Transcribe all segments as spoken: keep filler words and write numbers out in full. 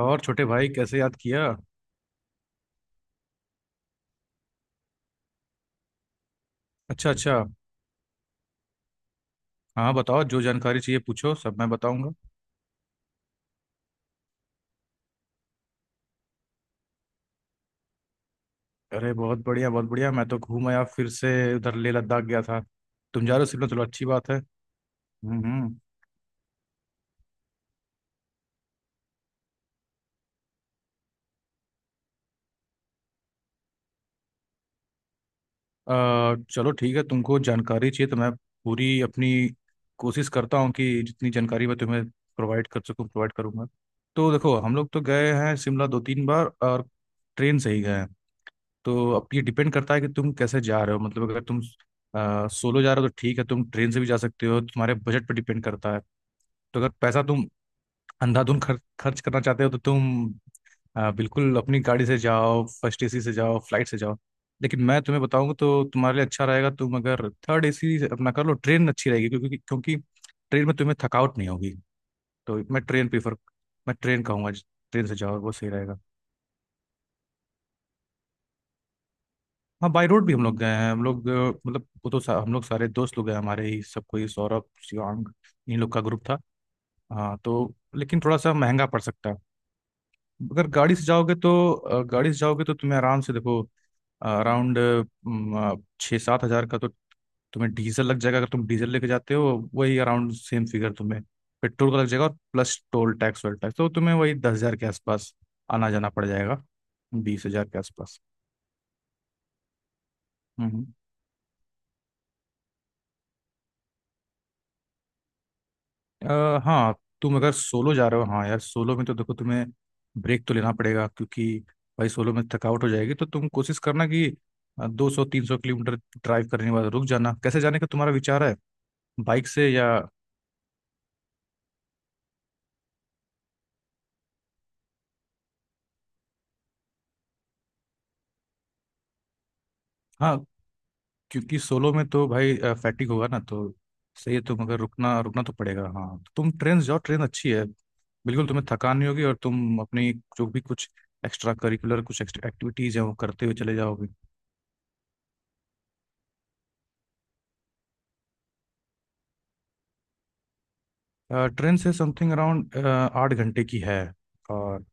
और छोटे भाई कैसे याद किया? अच्छा अच्छा। हाँ बताओ, जो जानकारी चाहिए पूछो, सब मैं बताऊंगा। अरे बहुत बढ़िया बहुत बढ़िया, मैं तो घूम आया फिर से। उधर लेह लद्दाख गया था। तुम जा रहे हो शिमला, चलो अच्छी बात है। हम्म हम्म। अ, चलो ठीक है, तुमको जानकारी चाहिए तो मैं पूरी अपनी कोशिश करता हूँ कि जितनी जानकारी मैं तुम्हें प्रोवाइड कर सकूँ प्रोवाइड करूँगा। तो देखो, हम लोग तो गए हैं शिमला दो तीन बार, और ट्रेन से ही गए हैं। तो अब ये डिपेंड करता है कि तुम कैसे जा रहे हो, मतलब अगर तुम सोलो जा रहे हो तो ठीक है, तुम ट्रेन से भी जा सकते हो, तुम्हारे बजट पर डिपेंड करता है। तो अगर पैसा तुम अंधाधुन खर्च खर्च करना चाहते हो तो तुम आ, बिल्कुल अपनी गाड़ी से जाओ, फर्स्ट एसी से जाओ, फ्लाइट से जाओ। लेकिन मैं तुम्हें बताऊंगा तो तुम्हारे लिए अच्छा रहेगा, तुम अगर थर्ड एसी से अपना कर लो ट्रेन अच्छी रहेगी, क्योंकि क्योंकि ट्रेन में तुम्हें थकावट नहीं होगी। तो मैं ट्रेन प्रीफर मैं ट्रेन कहूँगा, ट्रेन से जाओ वो सही रहेगा। हाँ बाई रोड भी हम लोग गए हैं, हम लोग अ, मतलब वो तो सा, हम लोग सारे दोस्त लोग हैं, हमारे ही सब, कोई सौरभ, शिवांग, इन लोग का ग्रुप था। हाँ तो लेकिन थोड़ा सा महंगा पड़ सकता है। अगर गाड़ी से जाओगे तो अ, गाड़ी से जाओगे तो तुम्हें आराम से देखो, अराउंड छः सात हज़ार का तो तुम्हें डीजल लग जाएगा, अगर तुम डीजल लेके जाते हो। वही अराउंड सेम फिगर तुम्हें पेट्रोल का लग जाएगा, और plus toll tax whole tax तो तुम्हें वही दस हज़ार के आसपास आना जाना पड़ जाएगा, बीस हज़ार के आसपास। हम्म। आ, हाँ, तुम अगर सोलो जा रहे हो, हाँ यार सोलो में तो देखो, तुम्हें ब्रेक तो लेना पड़ेगा, क्योंकि भाई सोलो में थकावट हो जाएगी। तो तुम कोशिश करना कि दो सौ तीन सौ किलोमीटर ड्राइव करने के बाद रुक जाना। कैसे जाने का तुम्हारा विचार है, बाइक से या? हाँ क्योंकि सोलो में तो भाई फैटिक होगा ना, तो सही है। तुम अगर रुकना रुकना तो पड़ेगा, हाँ तो तुम ट्रेन से जाओ, ट्रेन अच्छी है, बिल्कुल तुम्हें थकान नहीं होगी, और तुम अपनी जो भी कुछ एक्स्ट्रा करिकुलर कुछ एक्टिविटीज हैं वो करते हुए चले जाओगे। अ, ट्रेन से समथिंग अराउंड आठ घंटे की है। और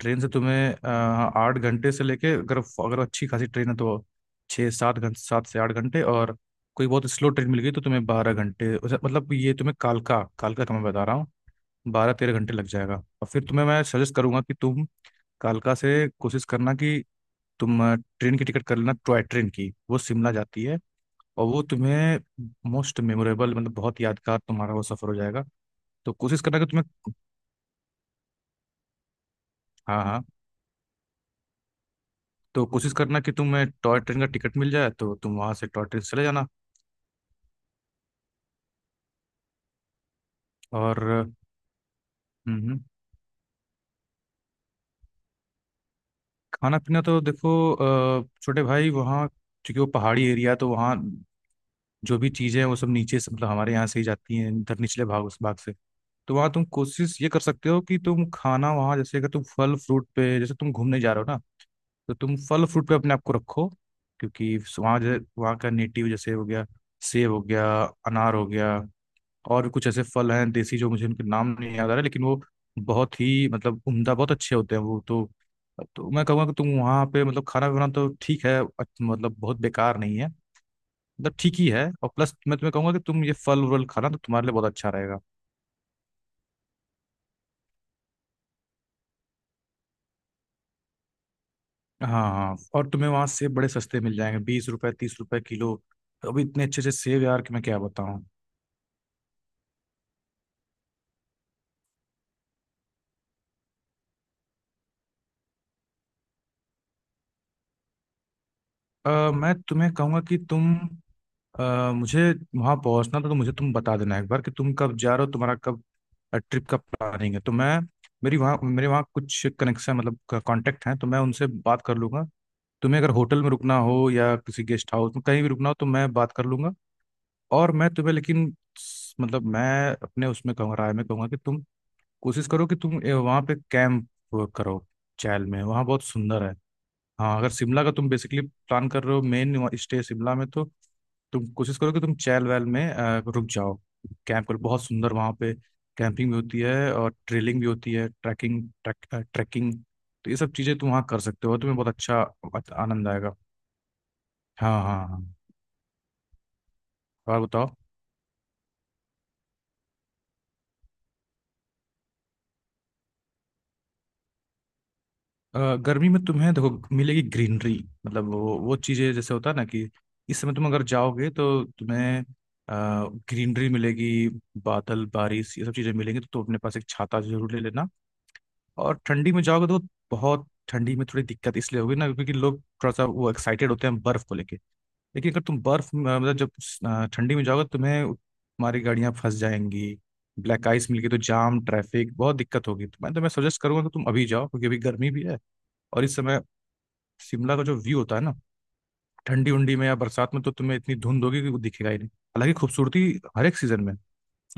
ट्रेन से तुम्हें अ, आठ घंटे से लेके, अगर अगर अच्छी खासी ट्रेन है तो छः सात घंटे, सात से आठ घंटे। और कोई बहुत स्लो ट्रेन मिल गई तो तुम्हें बारह घंटे उसे- मतलब ये तुम्हें कालका, कालका का मैं बता रहा हूँ, बारह तेरह घंटे लग जाएगा। और फिर तुम्हें मैं सजेस्ट करूंगा कि तुम कालका से कोशिश करना कि तुम अ, ट्रेन की टिकट कर लेना, टॉय ट्रेन की, वो शिमला जाती है। और वो तुम्हें मोस्ट मेमोरेबल, मतलब बहुत यादगार तुम्हारा वो सफर हो जाएगा। तो कोशिश करना कि तुम्हें, हाँ हाँ, तो कोशिश करना कि तुम्हें टॉय ट्रेन का टिकट मिल जाए तो तुम वहाँ से टॉय ट्रेन से चले जाना। और हम्म, खाना पीना तो देखो अ, छोटे भाई, वहाँ चूंकि वो पहाड़ी एरिया तो वहाँ जो भी चीज़ें हैं वो सब नीचे से, मतलब हमारे यहाँ से ही जाती हैं, इधर निचले भाग उस भाग से। तो वहाँ तुम कोशिश ये कर सकते हो कि तुम खाना वहाँ जैसे, अगर तुम फल फ्रूट पे, जैसे तुम घूमने जा रहे हो ना, तो तुम फल फ्रूट पे अपने आप को रखो। क्योंकि वहाँ जो वहाँ का नेटिव जैसे हो गया, सेब हो गया, अनार हो गया, और भी कुछ ऐसे फल हैं देसी जो मुझे उनके नाम नहीं याद आ रहा, लेकिन वो बहुत ही मतलब उम्दा, बहुत अच्छे होते हैं वो। तो तो मैं कहूँगा कि तुम वहाँ पे, मतलब खाना बनाना तो ठीक है, अच्छ- मतलब बहुत बेकार नहीं है, मतलब ठीक ही है, और प्लस मैं तुम्हें कहूँगा कि तुम ये फल वल खाना, तो तुम्हारे लिए बहुत अच्छा रहेगा। हाँ हाँ, और तुम्हें वहाँ सेब बड़े सस्ते मिल जाएंगे, बीस रुपए तीस रुपए किलो। अभी इतने अच्छे अच्छे सेब यार कि मैं क्या बताऊँ। अ, मैं तुम्हें कहूँगा कि तुम अ, मुझे वहां पहुंचना था तो मुझे तुम बता देना एक बार कि तुम कब जा रहे हो, तुम्हारा कब ट्रिप का प्लानिंग है, तो मैं मेरी वहाँ मेरे वहाँ कुछ कनेक्शन, मतलब कांटेक्ट हैं तो मैं उनसे बात कर लूंगा। तुम्हें अगर होटल में रुकना हो या किसी गेस्ट हाउस में कहीं भी रुकना हो तो मैं बात कर लूंगा। और मैं तुम्हें, लेकिन स- मतलब मैं अपने उसमें कहूँगा राय में कहूँगा कि तुम कोशिश करो कि तुम ए, वहाँ पे कैंप करो, चैल में, वहाँ बहुत सुंदर है। हाँ, अगर शिमला का तुम बेसिकली प्लान कर रहे हो, मेन स्टे शिमला में, तो तुम कोशिश करो कि तुम चैल वैल में अ, रुक जाओ, कैंप करो, बहुत सुंदर वहाँ पे। कैंपिंग भी होती है, और ट्रेलिंग भी होती है, ट्रैकिंग, ट्रैक, ट्रैकिंग। तो ये सब चीज़ें तुम वहाँ कर सकते हो, तुम्हें बहुत अच्छा, अच्छा आनंद आएगा। हाँ हाँ हाँ हाँ। और बताओ, अ, गर्मी में तुम्हें देखो मिलेगी ग्रीनरी, मतलब वो वो चीज़ें जैसे होता है ना कि, इस समय तुम अगर जाओगे तो तुम्हें ग्रीनरी मिलेगी, बादल बारिश ये सब चीज़ें मिलेंगी, तो तुम अपने पास एक छाता जरूर ले लेना। और ठंडी में जाओगे तो बहुत ठंडी में थोड़ी दिक्कत इसलिए होगी ना, क्योंकि लोग थोड़ा सा वो एक्साइटेड होते हैं बर्फ को लेके। लेकिन अगर तुम बर्फ अ, मतलब जब अ, ठंडी में जाओगे तो तुम्हें तुम्हारी गाड़ियां फंस जाएंगी, ब्लैक आइस मिल गई तो जाम ट्रैफिक, बहुत दिक्कत होगी। तो मैं तो मैं सजेस्ट करूंगा कि तुम अभी जाओ, क्योंकि अभी गर्मी भी है, और इस समय शिमला का जो व्यू होता है ना, ठंडी उंडी में या बरसात में तो तुम्हें इतनी धुंध होगी कि वो दिखेगा ही नहीं। हालांकि खूबसूरती हर एक सीजन में है।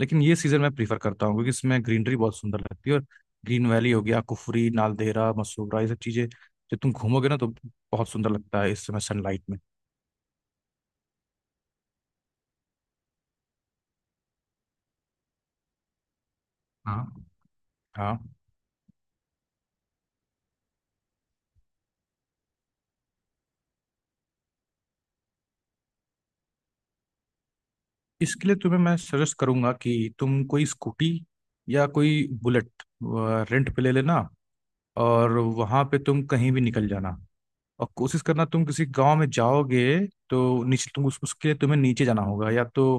लेकिन ये सीजन मैं प्रीफर करता हूँ, क्योंकि इसमें ग्रीनरी बहुत सुंदर लगती है, और ग्रीन वैली हो गया, कुफरी, नालदेहरा, मसूबरा, ये सब चीजें जब तुम घूमोगे ना तो बहुत सुंदर लगता है इस समय सनलाइट में। हाँ हाँ, इसके लिए तुम्हें मैं सजेस्ट करूंगा कि तुम कोई स्कूटी या कोई बुलेट रेंट पे ले लेना, और वहां पे तुम कहीं भी निकल जाना। और कोशिश करना, तुम किसी गांव में जाओगे तो नीचे, तुम उस, उसके लिए तुम्हें नीचे जाना होगा, या तो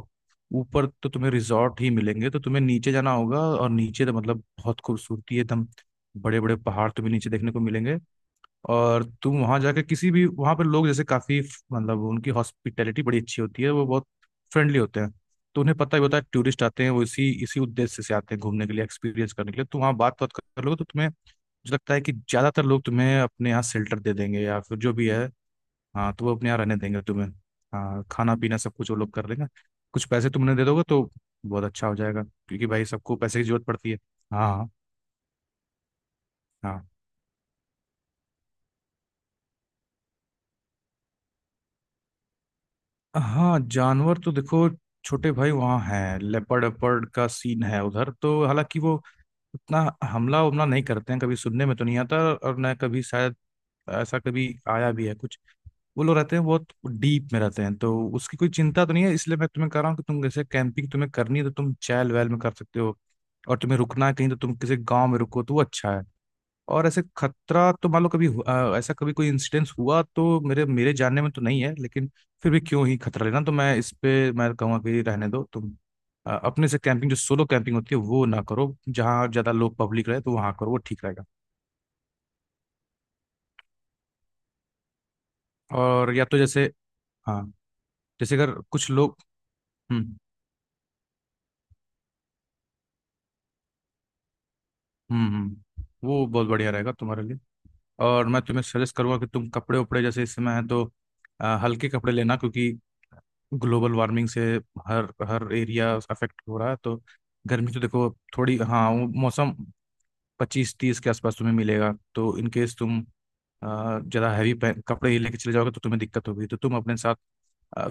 ऊपर तो तुम्हें रिजॉर्ट ही मिलेंगे, तो तुम्हें नीचे जाना होगा, और नीचे तो मतलब बहुत खूबसूरती है एकदम। बड़े बड़े पहाड़ तुम्हें नीचे देखने को मिलेंगे। और तुम वहां जाके किसी भी, वहां पर लोग जैसे काफी मतलब उनकी हॉस्पिटैलिटी बड़ी अच्छी होती है, वो बहुत फ्रेंडली होते हैं। तो उन्हें पता ही होता है टूरिस्ट आते हैं, वो इसी इसी उद्देश्य से आते हैं, घूमने के लिए, एक्सपीरियंस करने के लिए, तो वहाँ बात बात कर लोगे तो तुम्हें, मुझे लगता है कि ज्यादातर लोग तुम्हें अपने यहाँ शेल्टर दे देंगे, या फिर जो भी है। हाँ तो वो अपने यहाँ रहने देंगे तुम्हें, हाँ, खाना पीना सब कुछ वो लोग कर लेंगे, कुछ पैसे तुमने दे दोगे तो बहुत अच्छा हो जाएगा, क्योंकि भाई सबको पैसे की जरूरत पड़ती है। हाँ हाँ। हाँ, जानवर तो देखो, छोटे भाई, वहाँ हैं लेपर्ड वेपर्ड का सीन है उधर, तो हालांकि वो उतना हमला उमला नहीं करते हैं, कभी सुनने में तो नहीं आता और न कभी शायद ऐसा कभी आया भी है कुछ। वो लोग रहते हैं, बहुत डीप में रहते हैं, तो उसकी कोई चिंता तो नहीं है। इसलिए मैं तुम्हें कह रहा हूँ कि तुम जैसे कैंपिंग तुम्हें करनी है तो तुम चैल वैल में कर सकते हो, और तुम्हें रुकना है कहीं तो तुम किसी गांव में रुको तो वो अच्छा है। और ऐसे खतरा तो मान लो कभी हु- अ, ऐसा कभी कोई इंसिडेंस हुआ तो मेरे मेरे जानने में तो नहीं है, लेकिन फिर भी क्यों ही खतरा लेना। तो मैं इस पे मैं कहूँगा कि रहने दो तुम अ, अपने से कैंपिंग, जो सोलो कैंपिंग होती है वो ना करो, जहाँ ज़्यादा लोग पब्लिक रहे तो वहाँ करो, वो ठीक रहेगा। और या तो जैसे, हाँ, जैसे अगर कुछ लोग, हम्म हम्म हम्म, वो बहुत बढ़िया रहेगा तुम्हारे लिए। और मैं तुम्हें सजेस्ट करूंगा कि तुम कपड़े उपड़े जैसे इस समय है तो अ, हल्के कपड़े लेना, क्योंकि ग्लोबल वार्मिंग से हर हर एरिया अफेक्ट हो रहा है। तो गर्मी तो देखो थोड़ी हाँ वो मौसम पच्चीस तीस के आसपास तुम्हें मिलेगा, तो इन केस तुम अ, ज़्यादा हैवी कपड़े ही लेके चले जाओगे तो तुम्हें दिक्कत होगी। तो तुम अपने साथ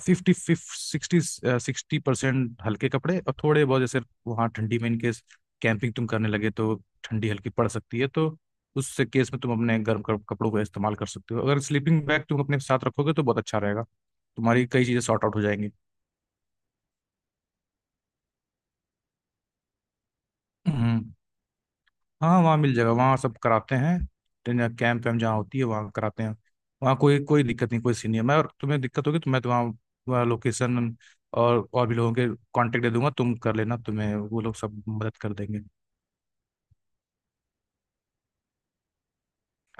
fifty fifty sixty sixty percent हल्के कपड़े, और थोड़े बहुत जैसे, वहाँ ठंडी में इनके कैंपिंग तुम करने लगे तो ठंडी हल्की पड़ सकती है। तो उस केस में तुम अपने गर्म कप- कपड़ों का इस्तेमाल कर सकते हो, अगर स्लीपिंग बैग तुम अपने साथ रखोगे तो बहुत अच्छा रहेगा, तुम्हारी कई चीज़ें सॉर्ट आउट हो जाएंगी। हम्म। हाँ वहाँ मिल जाएगा, वहाँ सब कराते हैं, ट्रेनिंग कैंप वैम्प जहाँ होती है वहाँ कराते हैं। वहाँ कोई कोई दिक्कत नहीं, कोई सीन नहीं है, मैं और तुम्हें दिक्कत होगी तो मैं तो वहाँ, वहाँ लोकेशन और और भी लोगों के कांटेक्ट दे दूंगा, तुम कर लेना, तुम्हें वो लोग सब मदद कर देंगे।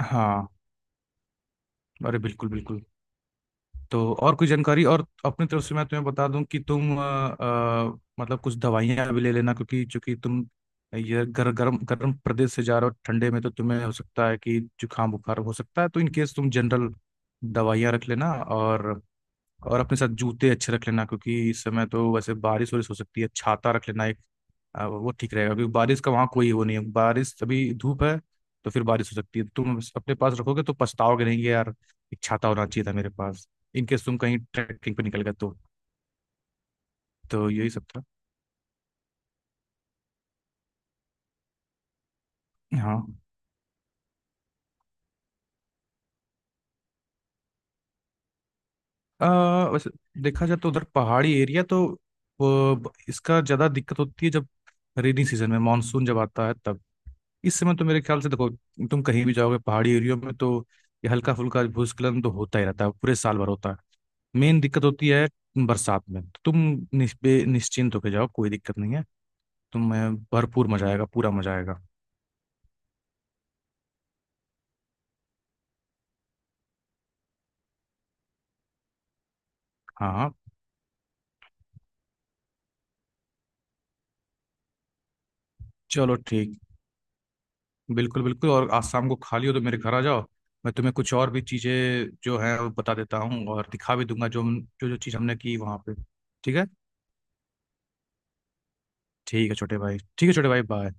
हाँ, अरे बिल्कुल बिल्कुल। तो और कोई जानकारी और अपनी तरफ से मैं तुम्हें बता दूं कि तुम अ, अ, मतलब कुछ दवाइयां भी ले लेना, क्योंकि चूंकि तुम ये गर, गर्म गर्म प्रदेश से जा रहे हो ठंडे में तो तुम्हें हो सकता है कि जुकाम बुखार हो सकता है, तो इन केस तुम जनरल दवाइयां रख लेना। और और अपने साथ जूते अच्छे रख लेना, क्योंकि इस समय तो वैसे बारिश वारिश हो सकती है, छाता रख लेना। अब वो ठीक रहेगा, अभी बारिश का वहाँ कोई वो नहीं है, बारिश अभी धूप है, तो फिर बारिश हो सकती है, तुम अपने पास रखोगे तो पछताओगे नहीं कि यार एक छाता होना चाहिए था मेरे पास। इनकेस तुम कहीं ट्रैकिंग पे निकल गए तो। तो यही सब था। हाँ, आ, वैसे देखा जाए तो उधर पहाड़ी एरिया तो वो, इसका ज़्यादा दिक्कत होती है, जब रेनी सीजन में मानसून जब आता है तब। इस समय तो मेरे ख्याल से देखो, तुम कहीं भी जाओगे पहाड़ी एरियो में, तो ये हल्का फुल्का भूस्खलन तो होता ही रहता है, पूरे साल भर होता है। मेन दिक्कत होती है बरसात में, तो तुम निस्पे निश्चिंत होके जाओ, कोई दिक्कत नहीं है, तुम्हें भरपूर मजा आएगा, पूरा मजा आएगा। हाँ हाँ, चलो ठीक, बिल्कुल बिल्कुल। और आज शाम को खाली हो तो मेरे घर आ जाओ, मैं तुम्हें कुछ और भी चीज़ें जो है वो बता देता हूँ, और दिखा भी दूंगा जो जो जो चीज़ हमने की वहाँ पे। ठीक है, ठीक है छोटे भाई, ठीक है छोटे भाई, बाय।